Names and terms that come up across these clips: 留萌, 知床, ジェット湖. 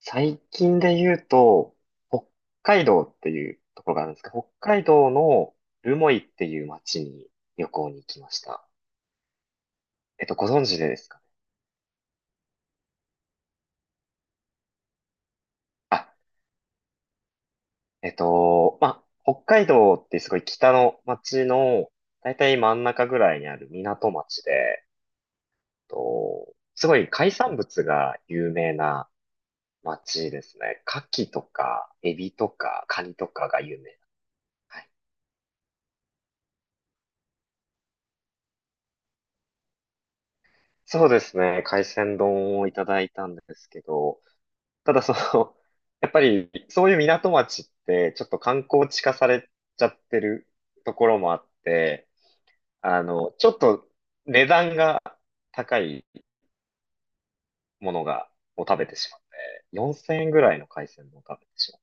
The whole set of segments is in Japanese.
最近で言うと、北海道っていうところがあるんですけど、北海道の留萌っていう町に旅行に行きました。ご存知でですかね？あ、まあ、北海道ってすごい北の町の、だいたい真ん中ぐらいにある港町で、すごい海産物が有名な町ですね。牡蠣とか、エビとか、カニとかが有名。はい、そうですね。海鮮丼をいただいたんですけど、ただその、やっぱりそういう港町ってちょっと観光地化されちゃってるところもあって、ちょっと値段が高いものが、を食べてしまって、4,000円ぐらいの海鮮丼を食べてしまう。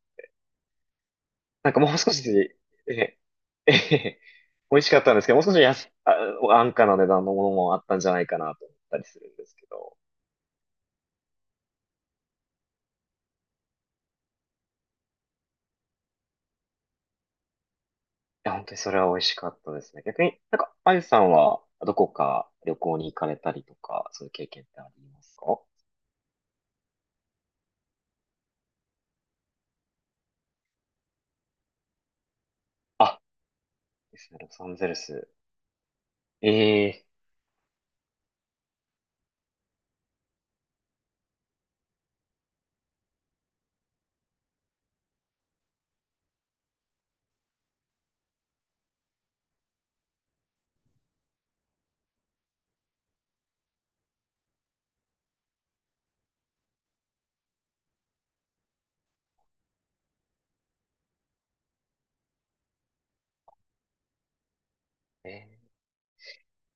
なんかもう少し、え、え、美味しかったんですけど、もう少し安価な値段のものもあったんじゃないかなと思ったりするんですけど。や、本当にそれは美味しかったですね。逆になんか、あゆさんはどこか旅行に行かれたりとか、そういう経験ってありますか？あ、ですね、ロサンゼルス。えええー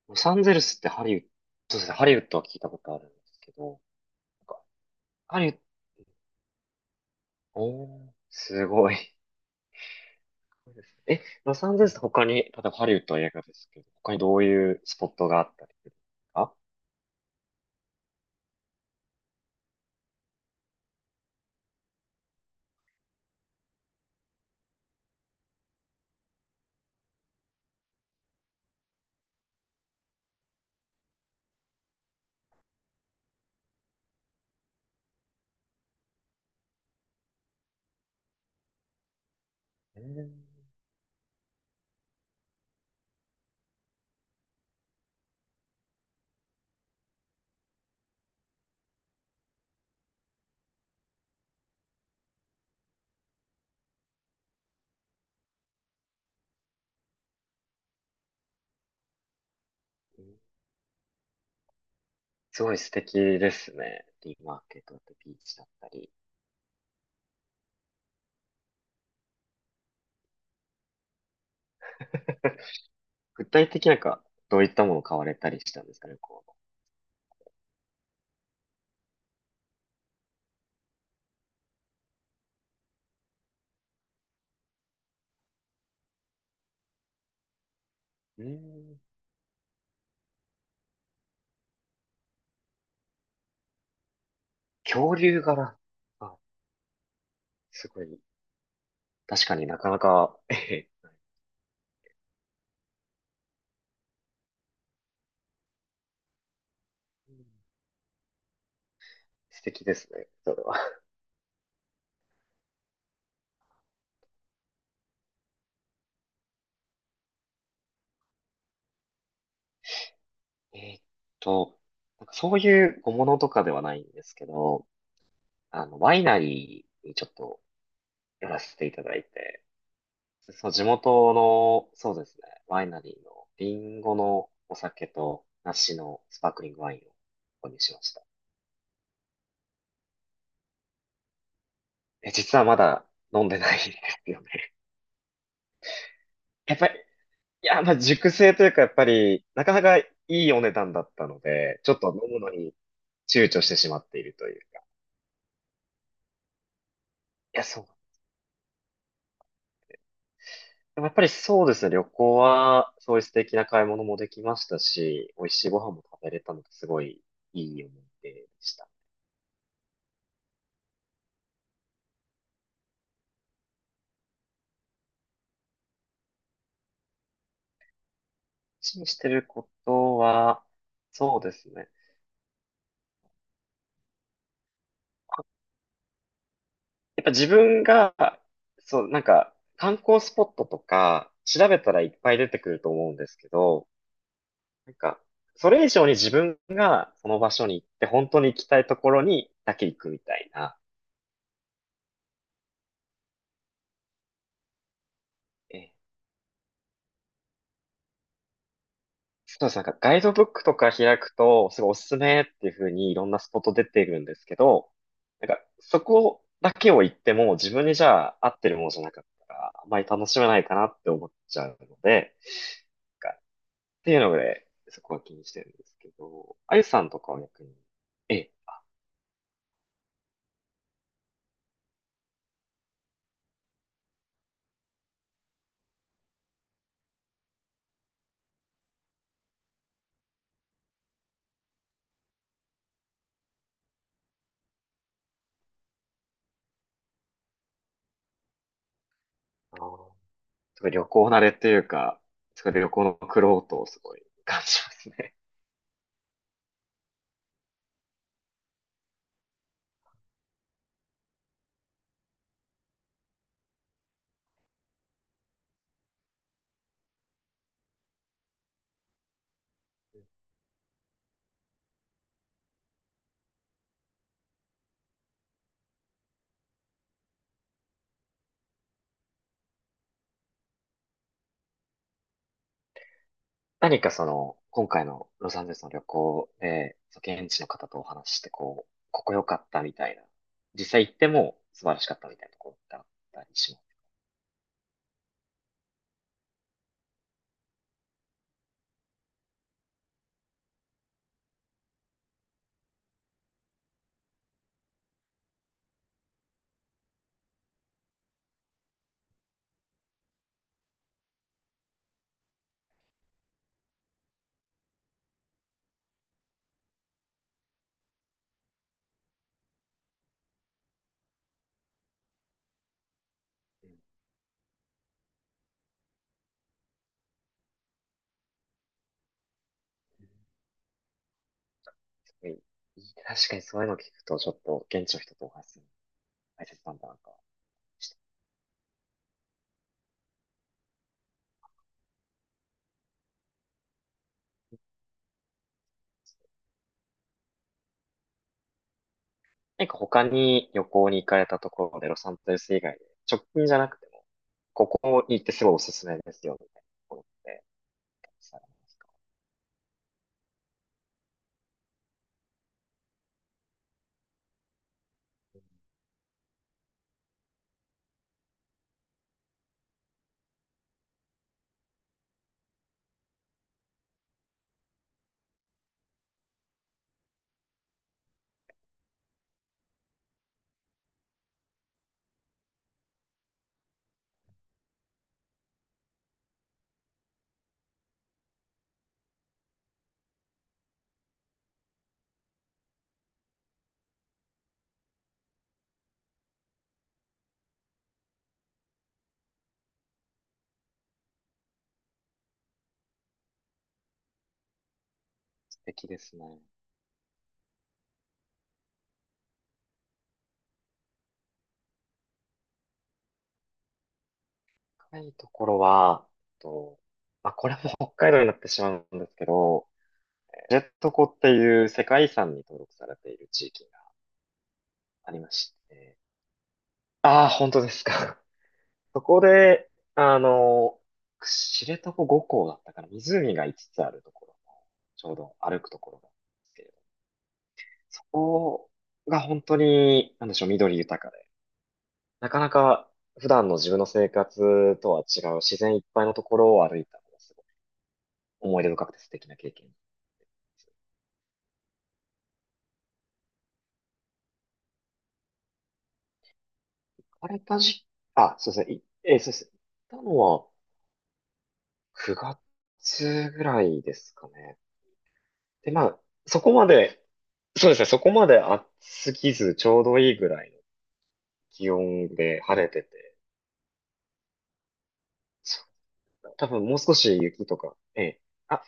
ロサンゼルスってハリウッド、そうですね、ハリウッドは聞いたことあるんですけど、なんか、ハリウッド、おー、すごい。すごいですねえ、ロサンゼルスって他に、例えばハリウッドは映画ですけど、他にどういうスポットがあったりするんですか？えーすごい素敵ですね。リーマーケットだったりビーチだったり。具体的なんか、どういったものを買われたりしたんですかね、こう。うーん、恐竜柄。あ、すごい。確かになかなか、えへ、素敵ですね、それは。えーっと、なんかそういう小物とかではないんですけど、ワイナリーにちょっと寄らせていただいて、そう、地元の、そうですね、ワイナリーのリンゴのお酒と梨のスパークリングワインを購入しました。実はまだ飲んでないんですよね。やっぱりいや、まあ、熟成というか、やっぱり、なかなかいいお値段だったので、ちょっと飲むのに躊躇してしまっているというか。いや、そう。でもやっぱりそうですね、旅行は、そういう素敵な買い物もできましたし、美味しいご飯も食べれたので、すごいいい思い出でした。一緒にしてることは、そうですね。やっぱ自分が、そう、なんか、観光スポットとか、調べたらいっぱい出てくると思うんですけど、なんか、それ以上に自分がその場所に行って、本当に行きたいところにだけ行くみたいな。ええ、そうです。なんかガイドブックとか開くと、すごいおすすめっていう風にいろんなスポット出てるんですけど、なんかそこだけを行っても自分にじゃあ合ってるものじゃなかったら、あまり楽しめないかなって思っちゃうので、なんかっていうので、そこは気にしてるんですけど、あゆさんとかは逆に、ええ。すごい旅行慣れというか、すごい旅行の苦労とをすごい感じますね。何かその、今回のロサンゼルスの旅行で、その現地の方とお話しして、こう、ここ良かったみたいな、実際行っても素晴らしかったみたいなところってあったりします？うん、うん、すごいいい、確かにそういうのを聞くと、ちょっと現地の人とお話しするの大切なんだなとはして。何か他に旅行に行かれたところで、ロサンゼルス以外で、直近じゃなくても、ここに行ってすごいおすすめですよ、みたいなところって、たくさんあります？素敵ですね。深いところは、と、まあ、これも北海道になってしまうんですけど、ジェット湖っていう世界遺産に登録されている地域がありまして、ああ、本当ですか。そこで、あの、知床五湖だったかな、湖が5つつあるところの、ちょうど歩くところなんですけれど、そこが本当に、なんでしょう、緑豊かで、なかなか普段の自分の生活とは違う自然いっぱいのところを歩いたんです。思い出深くて素敵な経験です。あれたじ、あ、そうですね。いえーそうです。行ったのは9月ぐらいですかね。で、まあ、そこまで、そうですね。そこまで暑すぎず、ちょうどいいぐらいの気温で晴れてて、そう多分もう少し雪とか、ええ、あ、い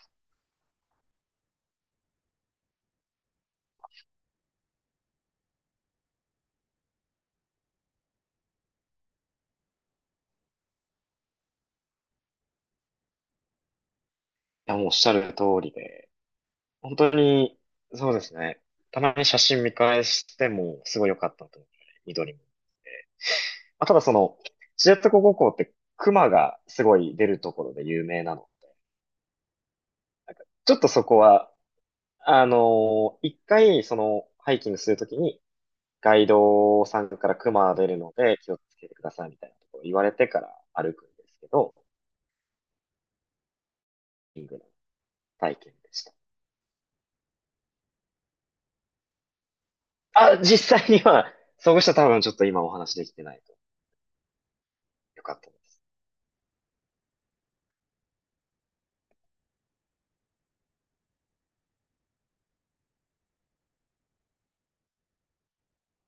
やもうおっしゃる通りで、本当に、そうですね。たまに写真見返しても、すごい良かったと思う。緑も。まあ、ただその、知床五湖って熊がすごい出るところで有名なの。ちょっとそこは、あの一回そのハイキングするときにガイドさんから熊出るので気をつけてくださいみたいなところ言われてから歩くんですけど、ハイキングの体験でした。あ、実際には、そ遇した多分ちょっと今お話できてないと。よかったです。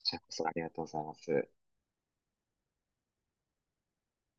じゃあこそありがとうございます。